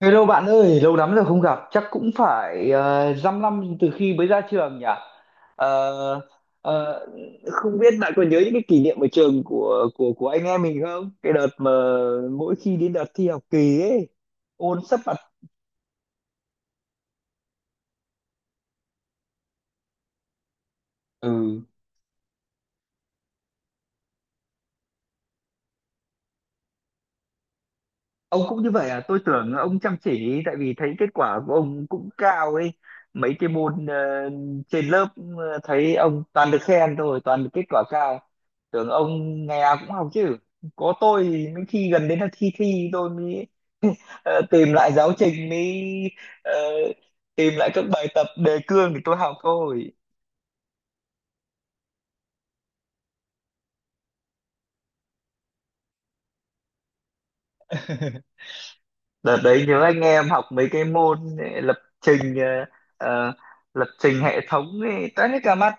Hello bạn ơi, lâu lắm rồi không gặp, chắc cũng phải 5 năm từ khi mới ra trường nhỉ? Ờ, ờ, không biết bạn còn nhớ những cái kỷ niệm ở trường của anh em mình không? Cái đợt mà mỗi khi đến đợt thi học kỳ ấy, ôn sấp mặt. Ừ. Ông cũng như vậy à? Tôi tưởng ông chăm chỉ tại vì thấy kết quả của ông cũng cao ấy, mấy cái môn trên lớp, thấy ông toàn được khen thôi, toàn được kết quả cao, tưởng ông ngày nào cũng học chứ. Có tôi thì mấy khi gần đến là thi thi tôi mới tìm lại giáo trình, mới ờ, tìm lại các bài tập đề cương để tôi học thôi. Đợt đấy nhớ anh em học mấy cái môn lập trình, ờ, lập trình hệ thống ấy, toán hết cả mặt.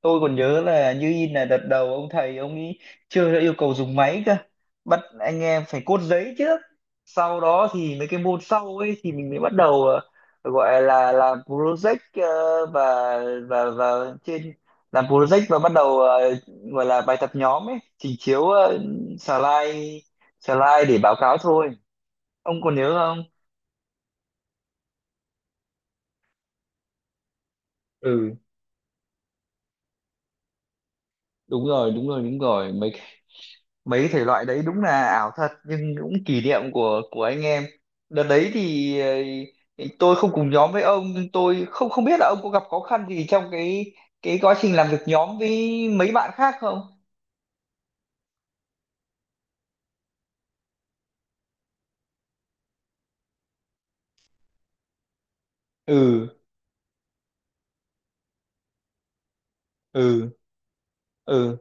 Tôi còn nhớ là như in, là đợt đầu ông thầy ông ấy chưa đã yêu cầu dùng máy cơ, bắt anh em phải cốt giấy trước. Sau đó thì mấy cái môn sau ấy thì mình mới bắt đầu gọi là làm project, ờ, và và làm project và bắt đầu gọi là bài tập nhóm ấy, trình chiếu slide slide để báo cáo thôi. Ông còn nhớ không? Ừ, đúng rồi, đúng rồi, đúng rồi. Mấy mấy thể loại đấy đúng là ảo thật, nhưng cũng kỷ niệm của anh em. Đợt đấy thì tôi không cùng nhóm với ông, nhưng tôi không không biết là ông có gặp khó khăn gì trong cái quá trình làm việc nhóm với mấy bạn khác không? Ừ, ừ, ừ,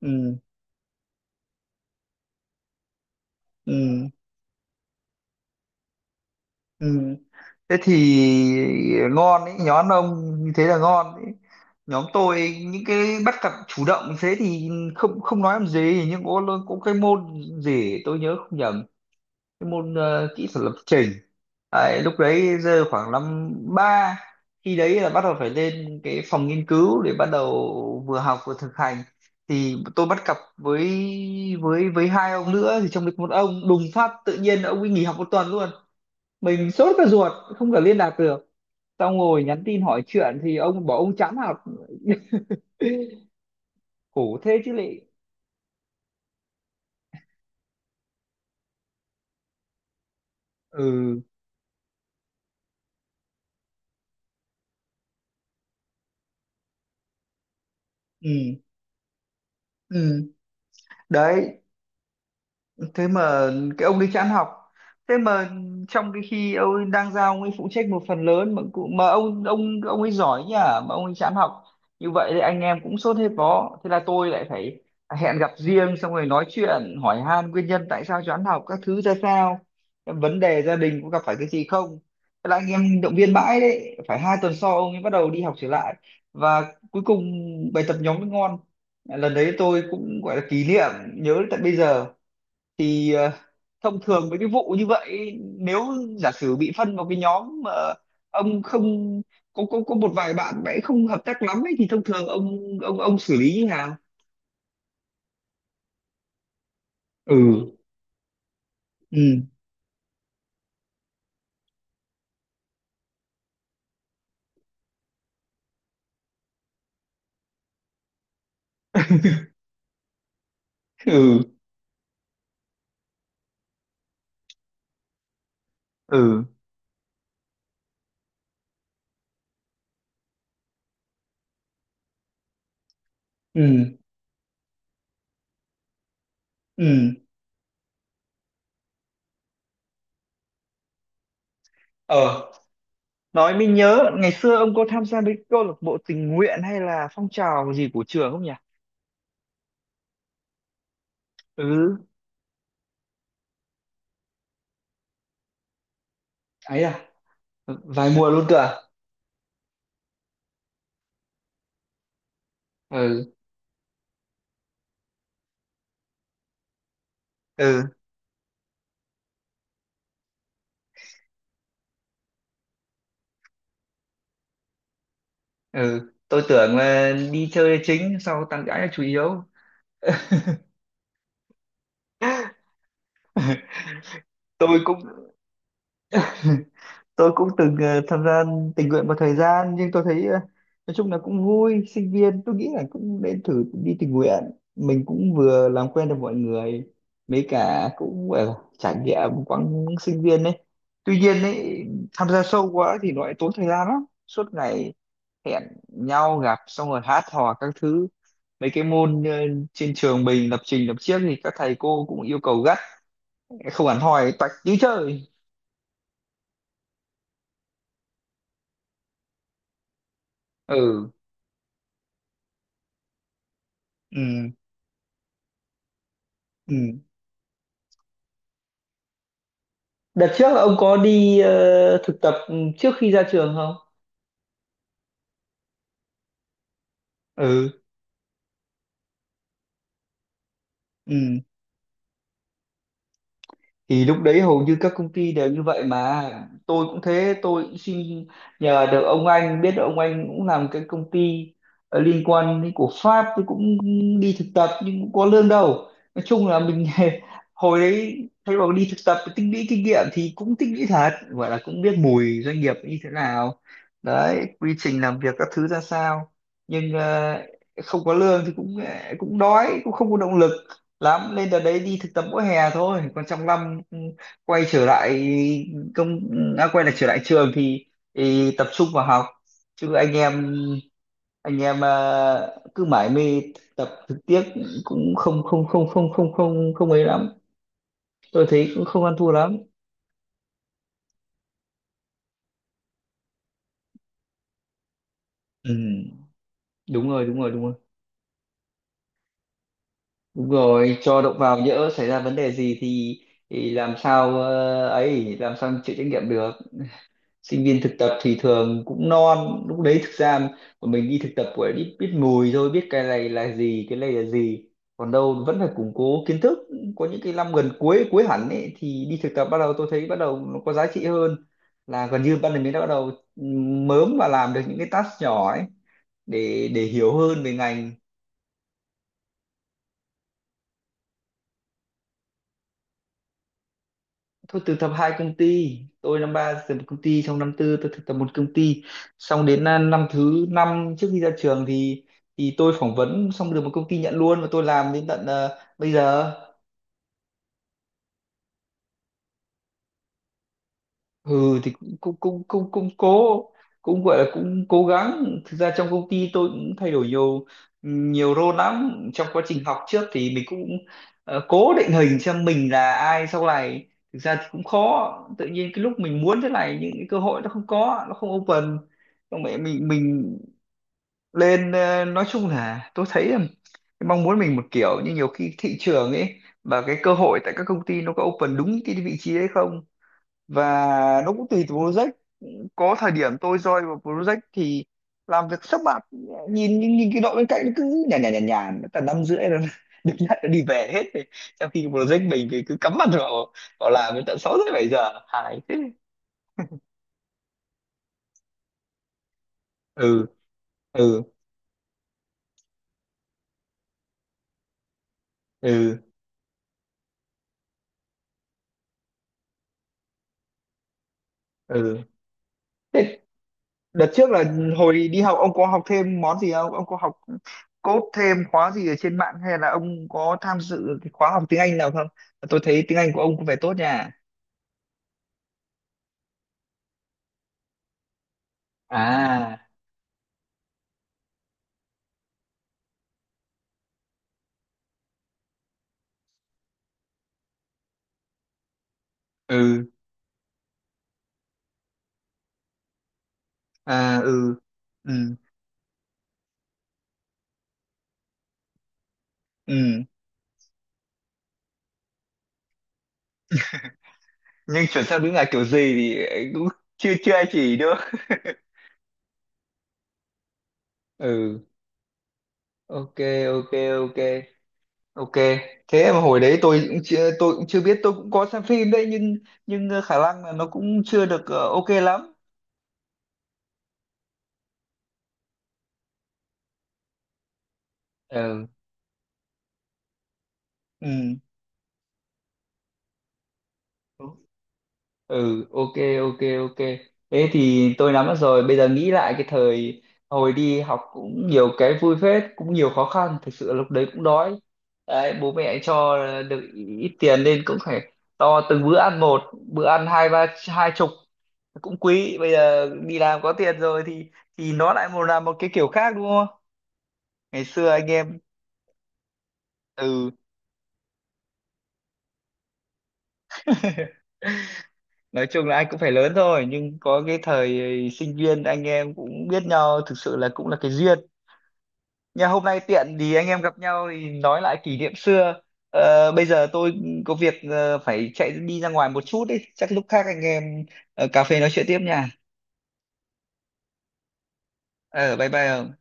ừ, ừ, ừ. Thế thì ngon ấy, nhóm ông như thế là ngon ấy. Nhóm tôi những cái bắt cặp chủ động thế thì không không nói làm gì, nhưng có cái môn gì tôi nhớ không nhầm, cái môn kỹ thuật lập trình, đấy, lúc đấy giờ khoảng năm ba, khi đấy là bắt đầu phải lên cái phòng nghiên cứu để bắt đầu vừa học vừa thực hành. Thì tôi bắt cặp với hai ông nữa, thì trong đấy có một ông đùng phát tự nhiên ông ấy nghỉ học một tuần luôn. Mình sốt cả ruột không thể liên lạc được. Xong ngồi nhắn tin hỏi chuyện thì ông bảo ông chán học. Khổ thế chứ lị. Ừ, ừ, ừ. Đấy, thế mà cái ông đấy chán học, thế mà trong cái khi ông ấy đang giao, ông ấy phụ trách một phần lớn, mà ông ấy giỏi nhỉ mà ông ấy chán học, như vậy thì anh em cũng sốt hết vó. Thế là tôi lại phải hẹn gặp riêng xong rồi nói chuyện hỏi han nguyên nhân tại sao chán học các thứ ra sao, vấn đề gia đình có gặp phải cái gì không. Thế là anh em động viên mãi đấy, phải hai tuần sau ông ấy bắt đầu đi học trở lại và cuối cùng bài tập nhóm mới ngon. Lần đấy tôi cũng gọi là kỷ niệm nhớ tận bây giờ. Thì thông thường với cái vụ như vậy, nếu giả sử bị phân vào cái nhóm mà ông không có một vài bạn mà ấy không hợp tác lắm ấy, thì thông thường ông xử lý như nào? Ừ, ừ, ừ, ừ, ừ, ừ, ờ. Nói mình nhớ ngày xưa ông có tham gia với câu lạc bộ tình nguyện hay là phong trào gì của trường không nhỉ? Ừ, ấy à? Vài mùa luôn cơ à? Ừ, ừ, ừ. Tôi tưởng là đi chơi chính, sau tán gái là chủ yếu. Tôi cũng tôi cũng từng tham gia tình nguyện một thời gian, nhưng tôi thấy nói chung là cũng vui. Sinh viên tôi nghĩ là cũng nên thử đi tình nguyện, mình cũng vừa làm quen được mọi người, mấy cả cũng gọi là trải nghiệm quãng sinh viên đấy. Tuy nhiên ấy, tham gia sâu quá thì nó lại tốn thời gian lắm, suốt ngày hẹn nhau gặp xong rồi hát hò các thứ. Mấy cái môn trên trường mình lập trình lập chiếc thì các thầy cô cũng yêu cầu gắt, không hẳn hoi toạch như chơi. Ừ, ừ, ừ. Đợt trước là ông có đi thực tập trước khi ra trường không? Ừ. Ừ. Thì lúc đấy hầu như các công ty đều như vậy mà, tôi cũng thế. Tôi cũng xin, nhờ được ông anh, biết được ông anh cũng làm cái công ty liên quan đến của Pháp, tôi cũng đi thực tập nhưng cũng có lương đâu. Nói chung là mình hồi đấy thay vào đi thực tập tích lũy kinh nghiệm thì cũng tích lũy thật, gọi là cũng biết mùi doanh nghiệp như thế nào, đấy, quy trình làm việc các thứ ra sao. Nhưng không có lương thì cũng cũng đói, cũng không có động lực lắm. Lên đợt đấy đi thực tập mỗi hè thôi, còn trong năm, quay trở lại công quay lại trở lại trường thì tập trung vào học chứ anh em cứ mải mê tập thực tiếc, cũng không không không không không không không ấy lắm. Tôi thấy cũng không ăn thua lắm. Ừ, đúng rồi, đúng rồi, đúng rồi. Đúng rồi, cho động vào nhỡ xảy ra vấn đề gì thì làm sao ấy, làm sao chịu trách nhiệm được. Sinh viên thực tập thì thường cũng non lúc đấy, thực ra mà mình đi thực tập của biết biết mùi thôi, biết cái này là gì, cái này là gì, còn đâu vẫn phải củng cố kiến thức. Có những cái năm gần cuối, cuối hẳn ấy, thì đi thực tập bắt đầu, tôi thấy bắt đầu nó có giá trị hơn, là gần như ban đầu mình đã bắt đầu mớm và làm được những cái task nhỏ ấy để hiểu hơn về ngành. Tôi thực tập hai công ty, tôi năm ba thực tập một công ty, xong năm tư tôi thực tập một công ty, xong đến năm thứ năm trước khi ra trường thì tôi phỏng vấn xong được một công ty nhận luôn và tôi làm đến tận bây giờ. Ừ, thì cũng cũng cũng cũng cũng cố, cũng gọi là cũng cố gắng. Thực ra trong công ty tôi cũng thay đổi nhiều, nhiều role lắm. Trong quá trình học trước thì mình cũng cố định hình xem mình là ai sau này. Thực ra thì cũng khó, tự nhiên cái lúc mình muốn thế này những cái cơ hội nó không có, nó không open. Xong mẹ mình lên nói chung là tôi thấy là cái mong muốn mình một kiểu, nhưng nhiều khi thị trường ấy và cái cơ hội tại các công ty nó có open đúng cái vị trí đấy không. Và nó cũng tùy từ project, có thời điểm tôi join vào project thì làm việc sắp mặt, nhìn nhìn, nhìn cái đội bên cạnh nó cứ nhàn nhàn nhàn nhàn tầm năm rưỡi rồi được nhận nó đi về hết rồi, trong khi cái project mình thì cứ cắm mặt vào vào làm đến tận sáu rưỡi bảy giờ, hài thế. Ừ, ừ, ừ, ừ. Đợt trước là hồi đi học ông có học thêm món gì không, ông có học code thêm khóa gì ở trên mạng, hay là ông có tham dự cái khóa học tiếng Anh nào không? Tôi thấy tiếng Anh của ông có vẻ tốt nha. À, ừ. À, ừ, ừ, ừ. Nhưng chuẩn xác, đúng là kiểu gì thì anh cũng chưa chưa ai chỉ nữa. Ừ, ok, ok, ok, ok. Thế mà hồi đấy tôi cũng chưa biết, tôi cũng có xem phim đấy, nhưng khả năng là nó cũng chưa được ok lắm. Ừ, ừ, ừ, ok, ok, ok. Thế thì tôi nắm mất rồi, bây giờ nghĩ lại cái thời hồi đi học cũng nhiều cái vui phết, cũng nhiều khó khăn thực sự. Lúc đấy cũng đói đấy, bố mẹ cho được ít tiền nên cũng phải to từng bữa ăn một, bữa ăn hai ba hai chục cũng quý. Bây giờ đi làm có tiền rồi thì nó lại một là một cái kiểu khác đúng không. Ngày xưa anh em, ừ. Nói chung là anh cũng phải lớn thôi, nhưng có cái thời sinh viên anh em cũng biết nhau thực sự là cũng là cái duyên. Nhà hôm nay tiện thì anh em gặp nhau thì nói lại kỷ niệm xưa. Ờ, bây giờ tôi có việc phải chạy đi ra ngoài một chút ý, chắc lúc khác anh em cà phê nói chuyện tiếp nha. Ờ, bye bye.